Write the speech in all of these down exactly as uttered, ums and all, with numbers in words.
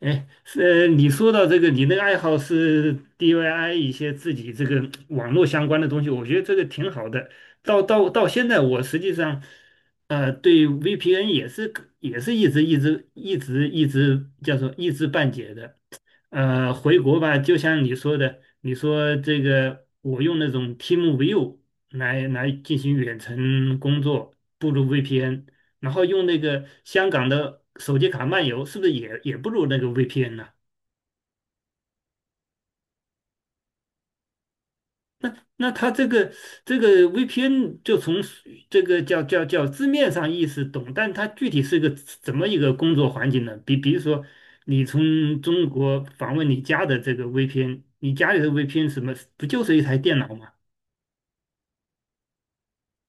哎，是你说到这个，你那个爱好是 d i Y 一些自己这个网络相关的东西，我觉得这个挺好的。到到到现在，我实际上，呃，对 V P N 也是也是一直一直一直一直叫做一知半解的。呃，回国吧，就像你说的，你说这个我用那种 TeamViewer 来来进行远程工作，不如 V P N，然后用那个香港的手机卡漫游，是不是也也不如那个 V P N 呢？那那它这个这个 V P N 就从这个叫叫叫字面上意思懂，但它具体是个怎么一个工作环境呢？比比如说，你从中国访问你家的这个 V P N，你家里的 V P N 什么不就是一台电脑吗？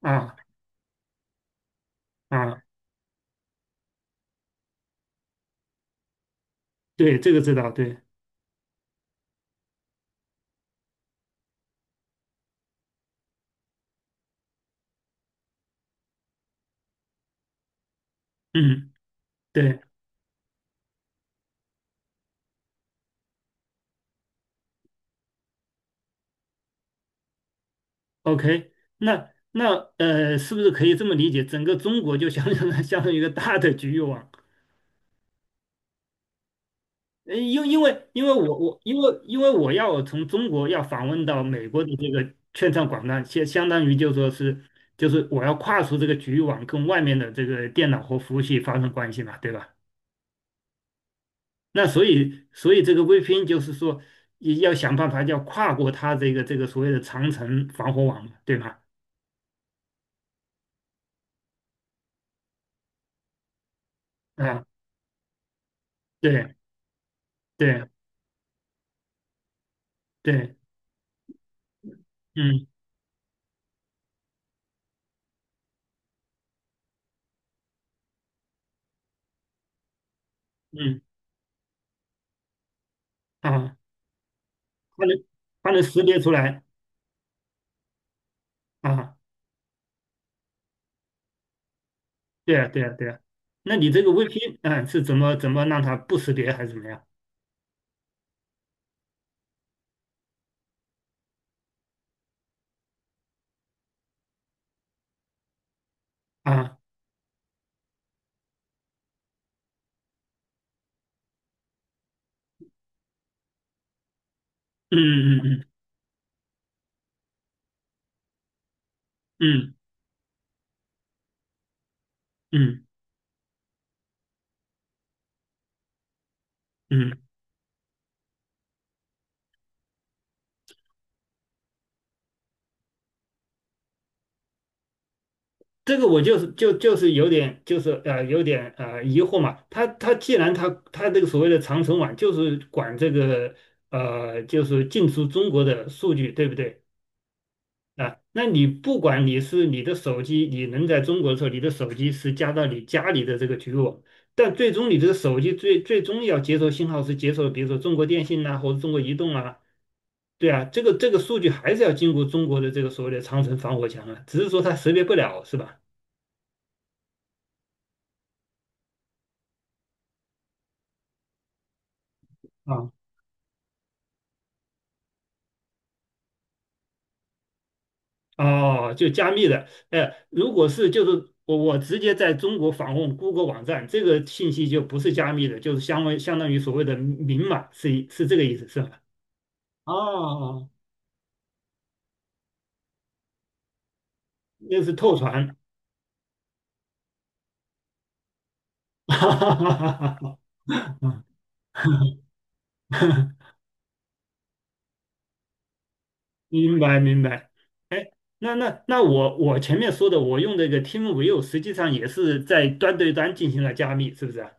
啊啊，对，这个知道，对，嗯，对，OK，那那呃，是不是可以这么理解？整个中国就相当于 相当于 一个大的局域网，呃，因因为因为我我因为因为我要从中国要访问到美国的这个券商广站，相相当于就说是就是我要跨出这个局域网，跟外面的这个电脑和服务器发生关系嘛，对吧？那所以所以这个 V P N 就是说也要想办法要跨过它这个这个所谓的长城防火网嘛，对吗？啊，对对对，嗯嗯啊，它能它能识别出来啊，对啊对啊对啊，那你这个 V P 啊是怎么怎么让它不识别还是怎么样啊？嗯嗯嗯嗯嗯嗯，这个我就是就就是有点就是呃有点呃疑惑嘛，它它既然它它这个所谓的长城网就是管这个呃就是进出中国的数据对不对？啊，那你不管你是你的手机，你能在中国的时候，你的手机是加到你家里的这个局域网，但最终你这个手机最最终要接收信号是接收，比如说中国电信呐、或者中国移动啊，对啊，这个这个数据还是要经过中国的这个所谓的长城防火墙啊，只是说它识别不了，是吧？啊，哦，就加密的，哎，如果是就是我我直接在中国访问 Google 网站，这个信息就不是加密的，就是相为相当于所谓的明码，是是这个意思，是吧？哦哦，那是透传，明白明白。哎，那那那我我前面说的，我用这个 TeamView 实际上也是在端对端进行了加密，是不是啊？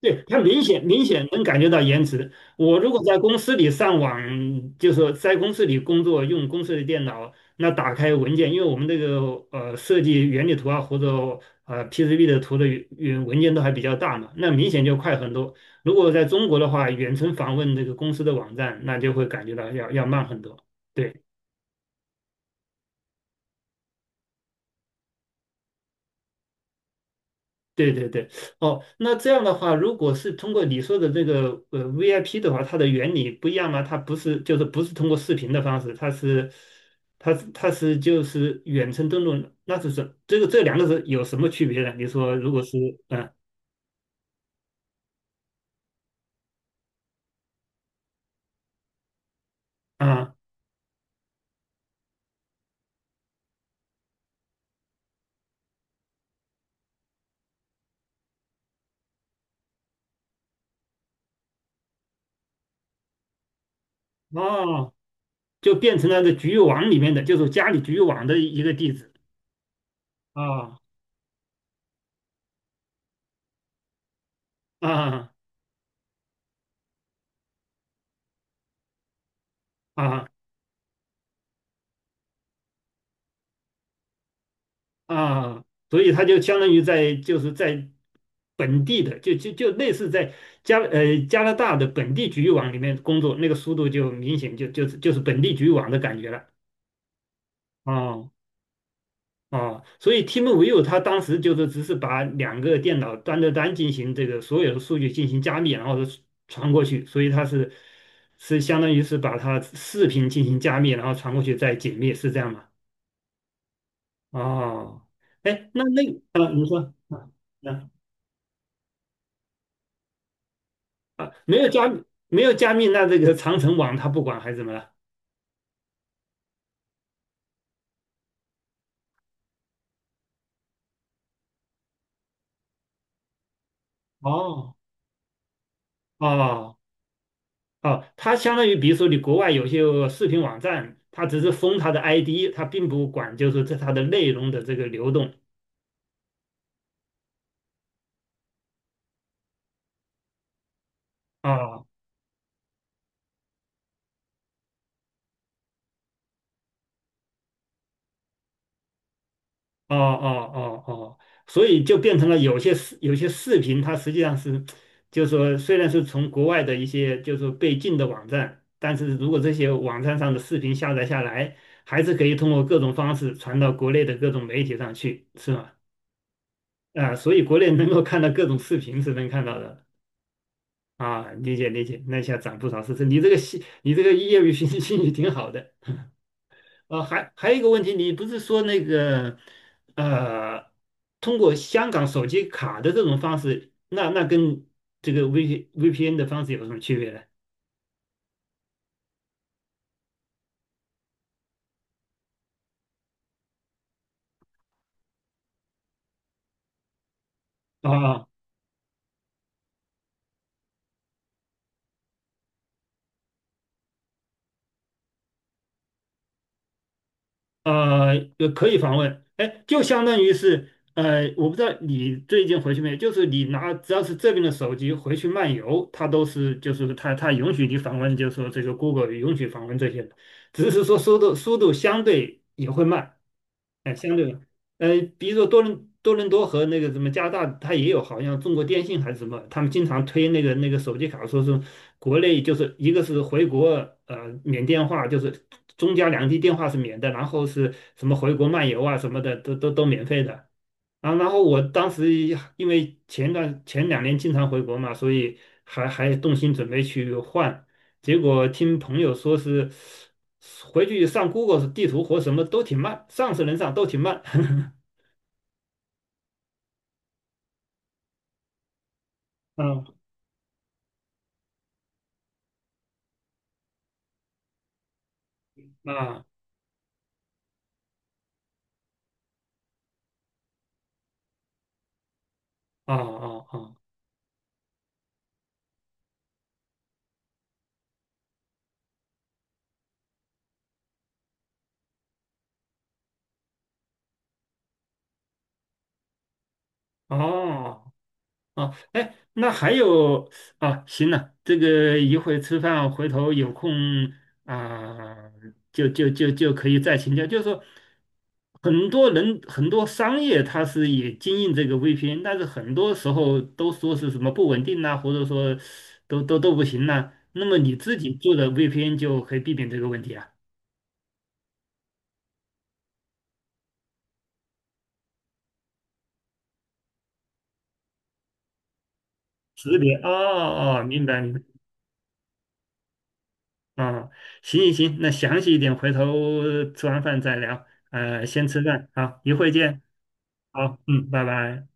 对，他明显明显能感觉到延迟。我如果在公司里上网，就是说在公司里工作，用公司的电脑，那打开文件，因为我们这个呃设计原理图啊或者呃 P C B 的图的原文件都还比较大嘛，那明显就快很多。如果在中国的话，远程访问这个公司的网站，那就会感觉到要要慢很多。对。对对对，哦，那这样的话，如果是通过你说的这个呃 V I P 的话，它的原理不一样吗？它不是就是不是通过视频的方式，它是它是它是就是远程登录，那就是什这个这两个是有什么区别呢？你说如果是嗯啊哦，就变成了这局域网里面的，就是家里局域网的一个地址啊啊啊啊，所以他就相当于在就是在本地的，就就就类似在加呃加拿大的本地局域网里面工作，那个速度就明显就就是就是本地局域网的感觉了。哦哦，所以 TeamViewer 它当时就是只是把两个电脑端对端进行这个所有的数据进行加密，然后是传过去，所以它是是相当于是把它视频进行加密，然后传过去再解密，是这样吗？哦，哎，那那啊，你说。啊。啊啊，没有加没有加密，那这个长城网它不管还是怎么了？哦哦哦，它相当于比如说你国外有些视频网站，它只是封它的 I D，它并不管就是这它的内容的这个流动。哦哦哦哦哦，所以就变成了有些视有些视频，它实际上是，就是说虽然是从国外的一些就是说被禁的网站，但是如果这些网站上的视频下载下来，还是可以通过各种方式传到国内的各种媒体上去，是吗？啊，所以国内能够看到各种视频是能看到的啊，理解理解，那一下涨不少是是，你这个兴，你这个业余兴兴趣挺好的啊。还还有一个问题，你不是说那个呃，通过香港手机卡的这种方式，那那跟这个 V VPN 的方式有什么区别呢？啊呃，呃可以访问，哎，就相当于是，呃，我不知道你最近回去没有，就是你拿只要是这边的手机回去漫游，它都是就是它它允许你访问，就是说这个 Google 允许访问这些的只是说速度速度相对也会慢，哎，相对的，呃，比如说多伦多伦多和那个什么加拿大，它也有好像中国电信还是什么，他们经常推那个那个手机卡，说是国内就是一个是回国，呃，免电话，就是中加两地电话是免的，然后是什么回国漫游啊什么的，都都都免费的。啊，然后我当时因为前段前两年经常回国嘛，所以还还动心准备去换，结果听朋友说是回去上 Google 地图或什么都挺慢，上是能上，都挺慢。嗯啊啊啊啊哦。啊，哎，那还有啊，行了，这个一会儿吃饭，回头有空啊，就就就就可以再请教。就是说，很多人很多商业它是也经营这个 V P N，但是很多时候都说是什么不稳定呐、或者说都都都不行呐、那么你自己做的 V P N 就可以避免这个问题啊。识别哦哦，明白明白。啊，行行行，那详细一点，回头吃完饭再聊。呃，先吃饭，好，一会见，好，嗯，拜拜。